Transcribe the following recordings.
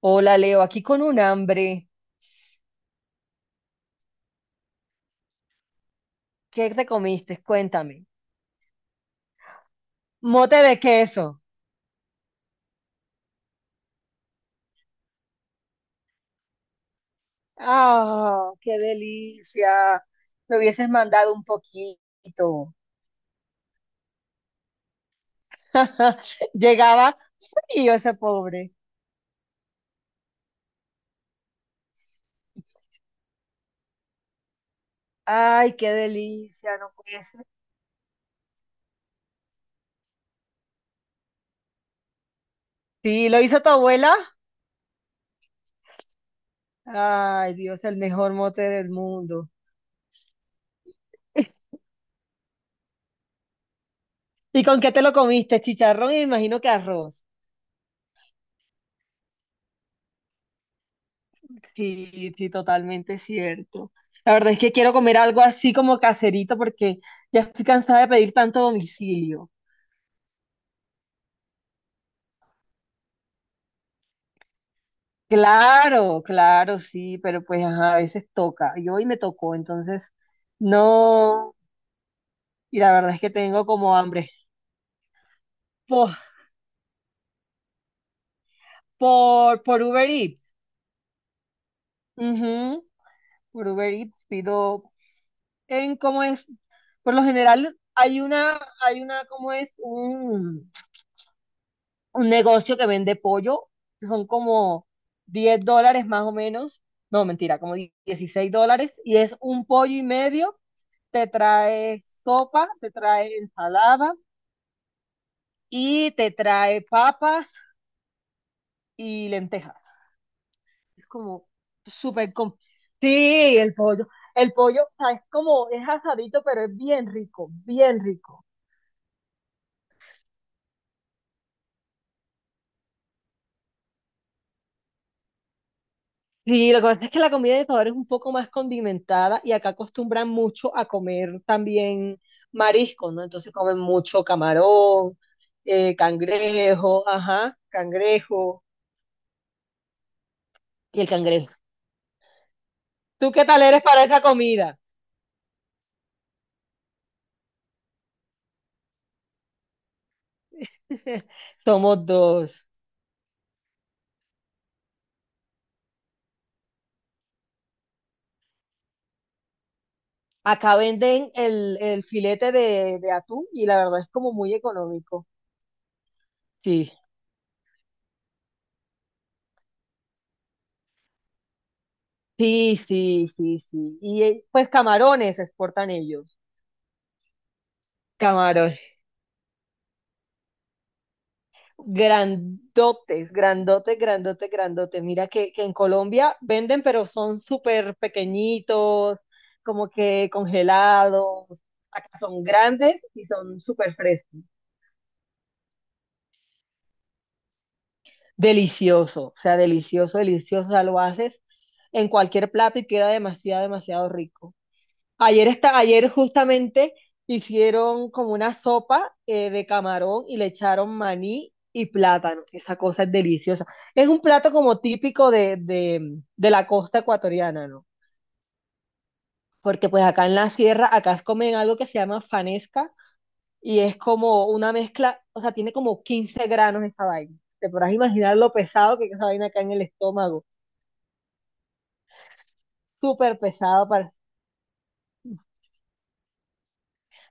Hola Leo, aquí con un hambre. ¿Qué te comiste? Cuéntame. Mote de queso. ¡Ah, qué delicia! Me hubieses mandado un poquito. Llegaba frío ese pobre. ¡Ay, qué delicia! No puede ser. Sí, ¿lo hizo tu abuela? Ay, Dios, el mejor mote del mundo. ¿Y con qué te lo comiste? Chicharrón, y me imagino que arroz. Sí, sí, totalmente cierto. La verdad es que quiero comer algo así como caserito porque ya estoy cansada de pedir tanto domicilio. Claro, claro, sí, pero pues ajá, a veces toca. Y hoy me tocó, entonces no. Y la verdad es que tengo como hambre. Por, por Uber Eats. Ujú, por Uber Eats pido en cómo es. Por lo general hay una, ¿cómo es? Un negocio que vende pollo, son como $10 más o menos, no, mentira, como $16, y es un pollo y medio, te trae sopa, te trae ensalada y te trae papas y lentejas. Es como súper... com- Sí, el pollo, o sea, es como, es asadito, pero es bien rico, bien rico. Sí, lo que pasa es que la comida de Ecuador es un poco más condimentada y acá acostumbran mucho a comer también mariscos, ¿no? Entonces comen mucho camarón, cangrejo, ajá, cangrejo y el cangrejo. ¿Tú qué tal eres para esa comida? Somos dos. Acá venden el filete de atún y la verdad es como muy económico. Sí, sí, sí, sí, sí. Y pues camarones exportan ellos. Camarones. Grandotes, grandote, grandote, grandote. Mira que en Colombia venden, pero son súper pequeñitos, como que congelados. Acá son grandes y son súper frescos. Delicioso, o sea, delicioso, delicioso. O sea, lo haces en cualquier plato y queda demasiado, demasiado rico. Ayer, está, ayer justamente hicieron como una sopa de camarón y le echaron maní y plátano. Esa cosa es deliciosa. Es un plato como típico de la costa ecuatoriana, ¿no? Porque pues acá en la sierra, acá comen algo que se llama fanesca y es como una mezcla, o sea, tiene como 15 granos esa vaina. Te podrás imaginar lo pesado que es esa vaina acá en el estómago. Súper pesado.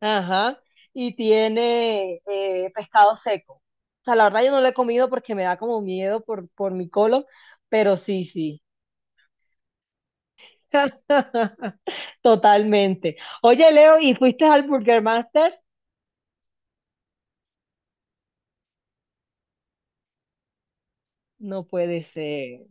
Ajá. Y tiene pescado seco. O sea, la verdad yo no lo he comido porque me da como miedo por mi colon, pero sí, sí. Totalmente. Oye, Leo, ¿y fuiste al Burger Master? No puede ser.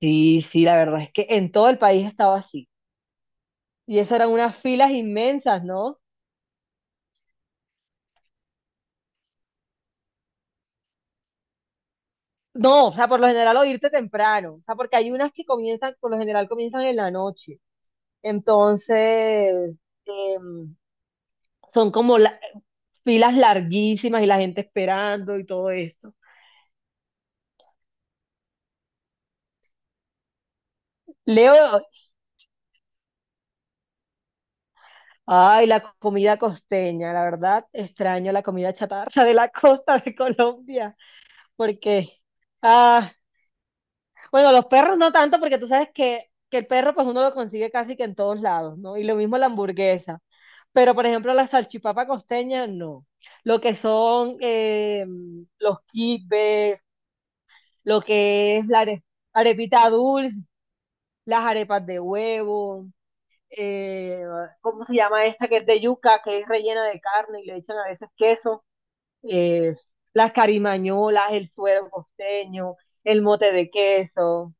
Sí, sí, la verdad es que en todo el país estaba así. Y esas eran unas filas inmensas, ¿no? No, o sea, por lo general o irte temprano. O sea, porque hay unas que comienzan, por lo general comienzan en la noche. Entonces, em, son como la- filas larguísimas y la gente esperando y todo esto. Leo, ay, la comida costeña, la verdad extraño la comida chatarra de la costa de Colombia, porque, ah, bueno, los perros no tanto, porque tú sabes que el perro pues uno lo consigue casi que en todos lados, ¿no? Y lo mismo la hamburguesa, pero por ejemplo la salchipapa costeña, no. Lo que son los quipes, lo que es la are- arepita dulce, las arepas de huevo, eh, ¿cómo se llama esta que es de yuca, que es rellena de carne y le echan a veces queso? Eh, las carimañolas, el suero costeño, el mote de queso,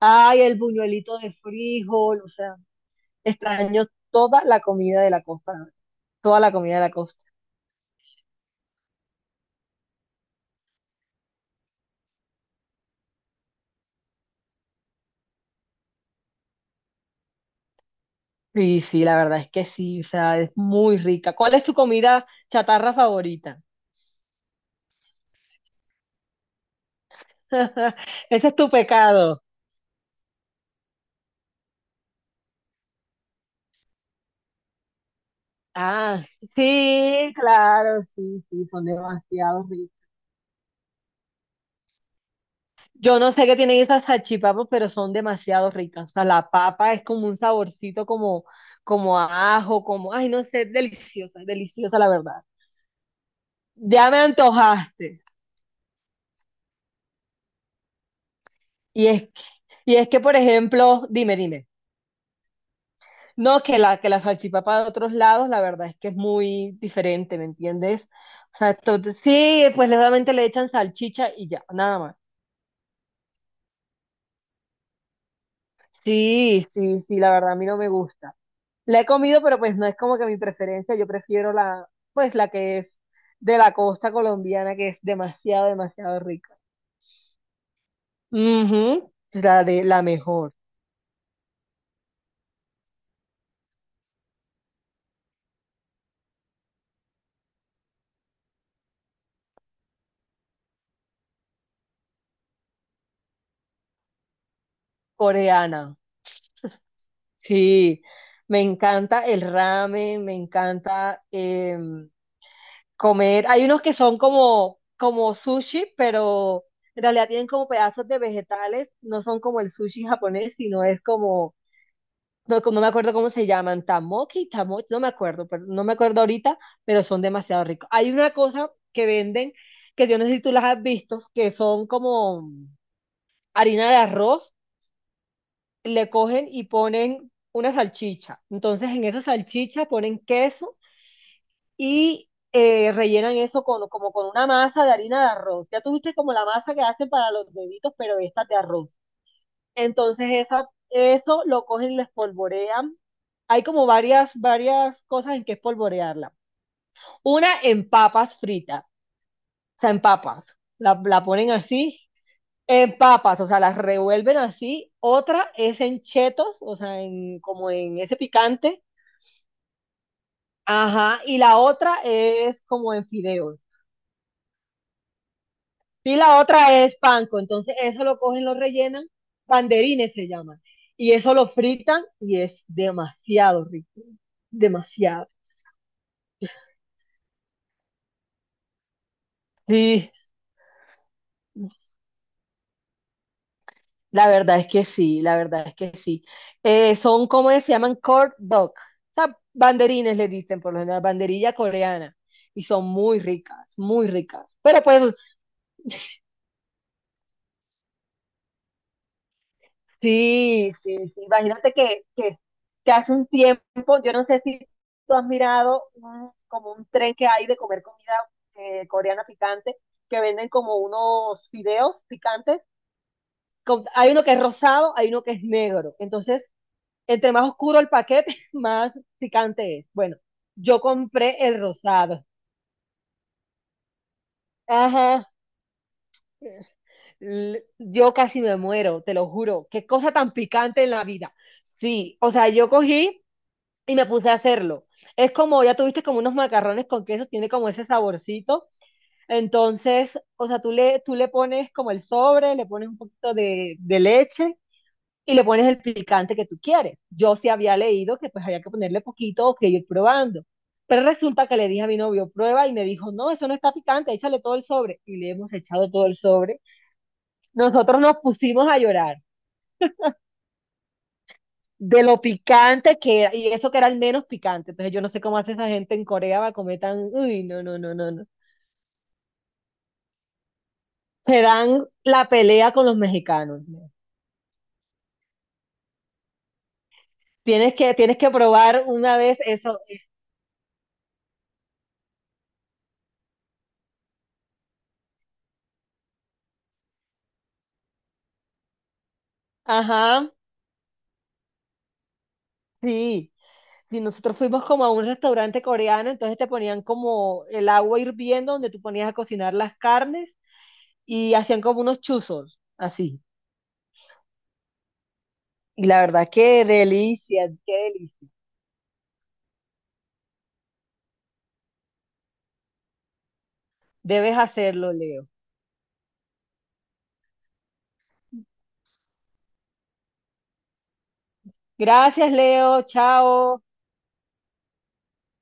ay, el buñuelito de frijol, o sea, extraño toda la comida de la costa, toda la comida de la costa. Sí, sí, la verdad es que sí, o sea, es muy rica. ¿Cuál es tu comida chatarra favorita? Ese es tu pecado. Ah, sí, claro, sí, sí, son demasiado ricas. Yo no sé qué tienen esas salchipapas, pero son demasiado ricas. O sea, la papa es como un saborcito como, como a ajo, como, ay, no sé, es deliciosa la verdad. Ya me antojaste. Y es que, y es que, por ejemplo, dime, dime. No, que la salchipapa de otros lados, la verdad es que es muy diferente, ¿me entiendes? O sea, esto- sí, pues solamente le echan salchicha y ya, nada. Sí, sí, sí, la verdad a mí no me gusta. La he comido, pero pues no es como que mi preferencia, yo prefiero la, pues la que es de la costa colombiana, que es demasiado, demasiado rica. Ujú, la de la mejor, coreana. Sí, me encanta el ramen, me encanta comer. Hay unos que son como, como sushi, pero en realidad tienen como pedazos de vegetales, no son como el sushi japonés, sino es como no, no me acuerdo cómo se llaman, tamoque y tamoche, no me acuerdo, pero no me acuerdo ahorita, pero son demasiado ricos. Hay una cosa que venden, que yo no sé si tú las has visto, que son como harina de arroz, le cogen y ponen una salchicha. Entonces en esa salchicha ponen queso y rellenan eso con, como con una masa de harina de arroz. Ya tuviste como la masa que hacen para los deditos, pero esta es de arroz. Entonces esa, eso lo cogen y lo espolvorean. Hay como varias, varias cosas en que espolvorearla. Una en papas fritas, o sea, en papas. La ponen así, en papas, o sea, las revuelven así. Otra es en chetos, o sea, en, como en ese picante. Ajá, y la otra es como en fideos. Y la otra es panco. Entonces, eso lo cogen, lo rellenan, banderines se llaman. Y eso lo fritan y es demasiado rico. Demasiado. Sí, la verdad es que sí, la verdad es que sí. Son como se llaman corn dog. O banderines le dicen, por lo general, banderilla coreana. Y son muy ricas, muy ricas. Pero pues, sí, sí, sí. Imagínate que hace un tiempo, yo no sé si tú has mirado un- como un tren que hay de comer comida coreana picante, que venden como unos fideos picantes. Con- hay uno que es rosado, hay uno que es negro. Entonces, entre más oscuro el paquete, más picante es. Bueno, yo compré el rosado. Ajá. L- yo casi me muero, te lo juro. Qué cosa tan picante en la vida. Sí, o sea, yo cogí y me puse a hacerlo. Es como, ya tuviste como unos macarrones con queso, tiene como ese saborcito. Entonces, o sea, tú le pones como el sobre, le pones un poquito de leche y le pones el picante que tú quieres. Yo sí había leído que pues había que ponerle poquito o que ir probando. Pero resulta que le dije a mi novio, prueba, y me dijo, no, eso no está picante, échale todo el sobre. Y le hemos echado todo el sobre. Nosotros nos pusimos a llorar. De lo picante que era, y eso que era el menos picante. Entonces yo no sé cómo hace esa gente en Corea para comer tan, uy, no, no, no, no, no. Se dan la pelea con los mexicanos. ¿No? Tienes que probar una vez eso. Ajá, sí. Y nosotros fuimos como a un restaurante coreano, entonces te ponían como el agua hirviendo donde tú ponías a cocinar las carnes y hacían como unos chuzos, así. Y la verdad, qué delicia, qué delicia. Debes hacerlo, Leo. Gracias, Leo. Chao.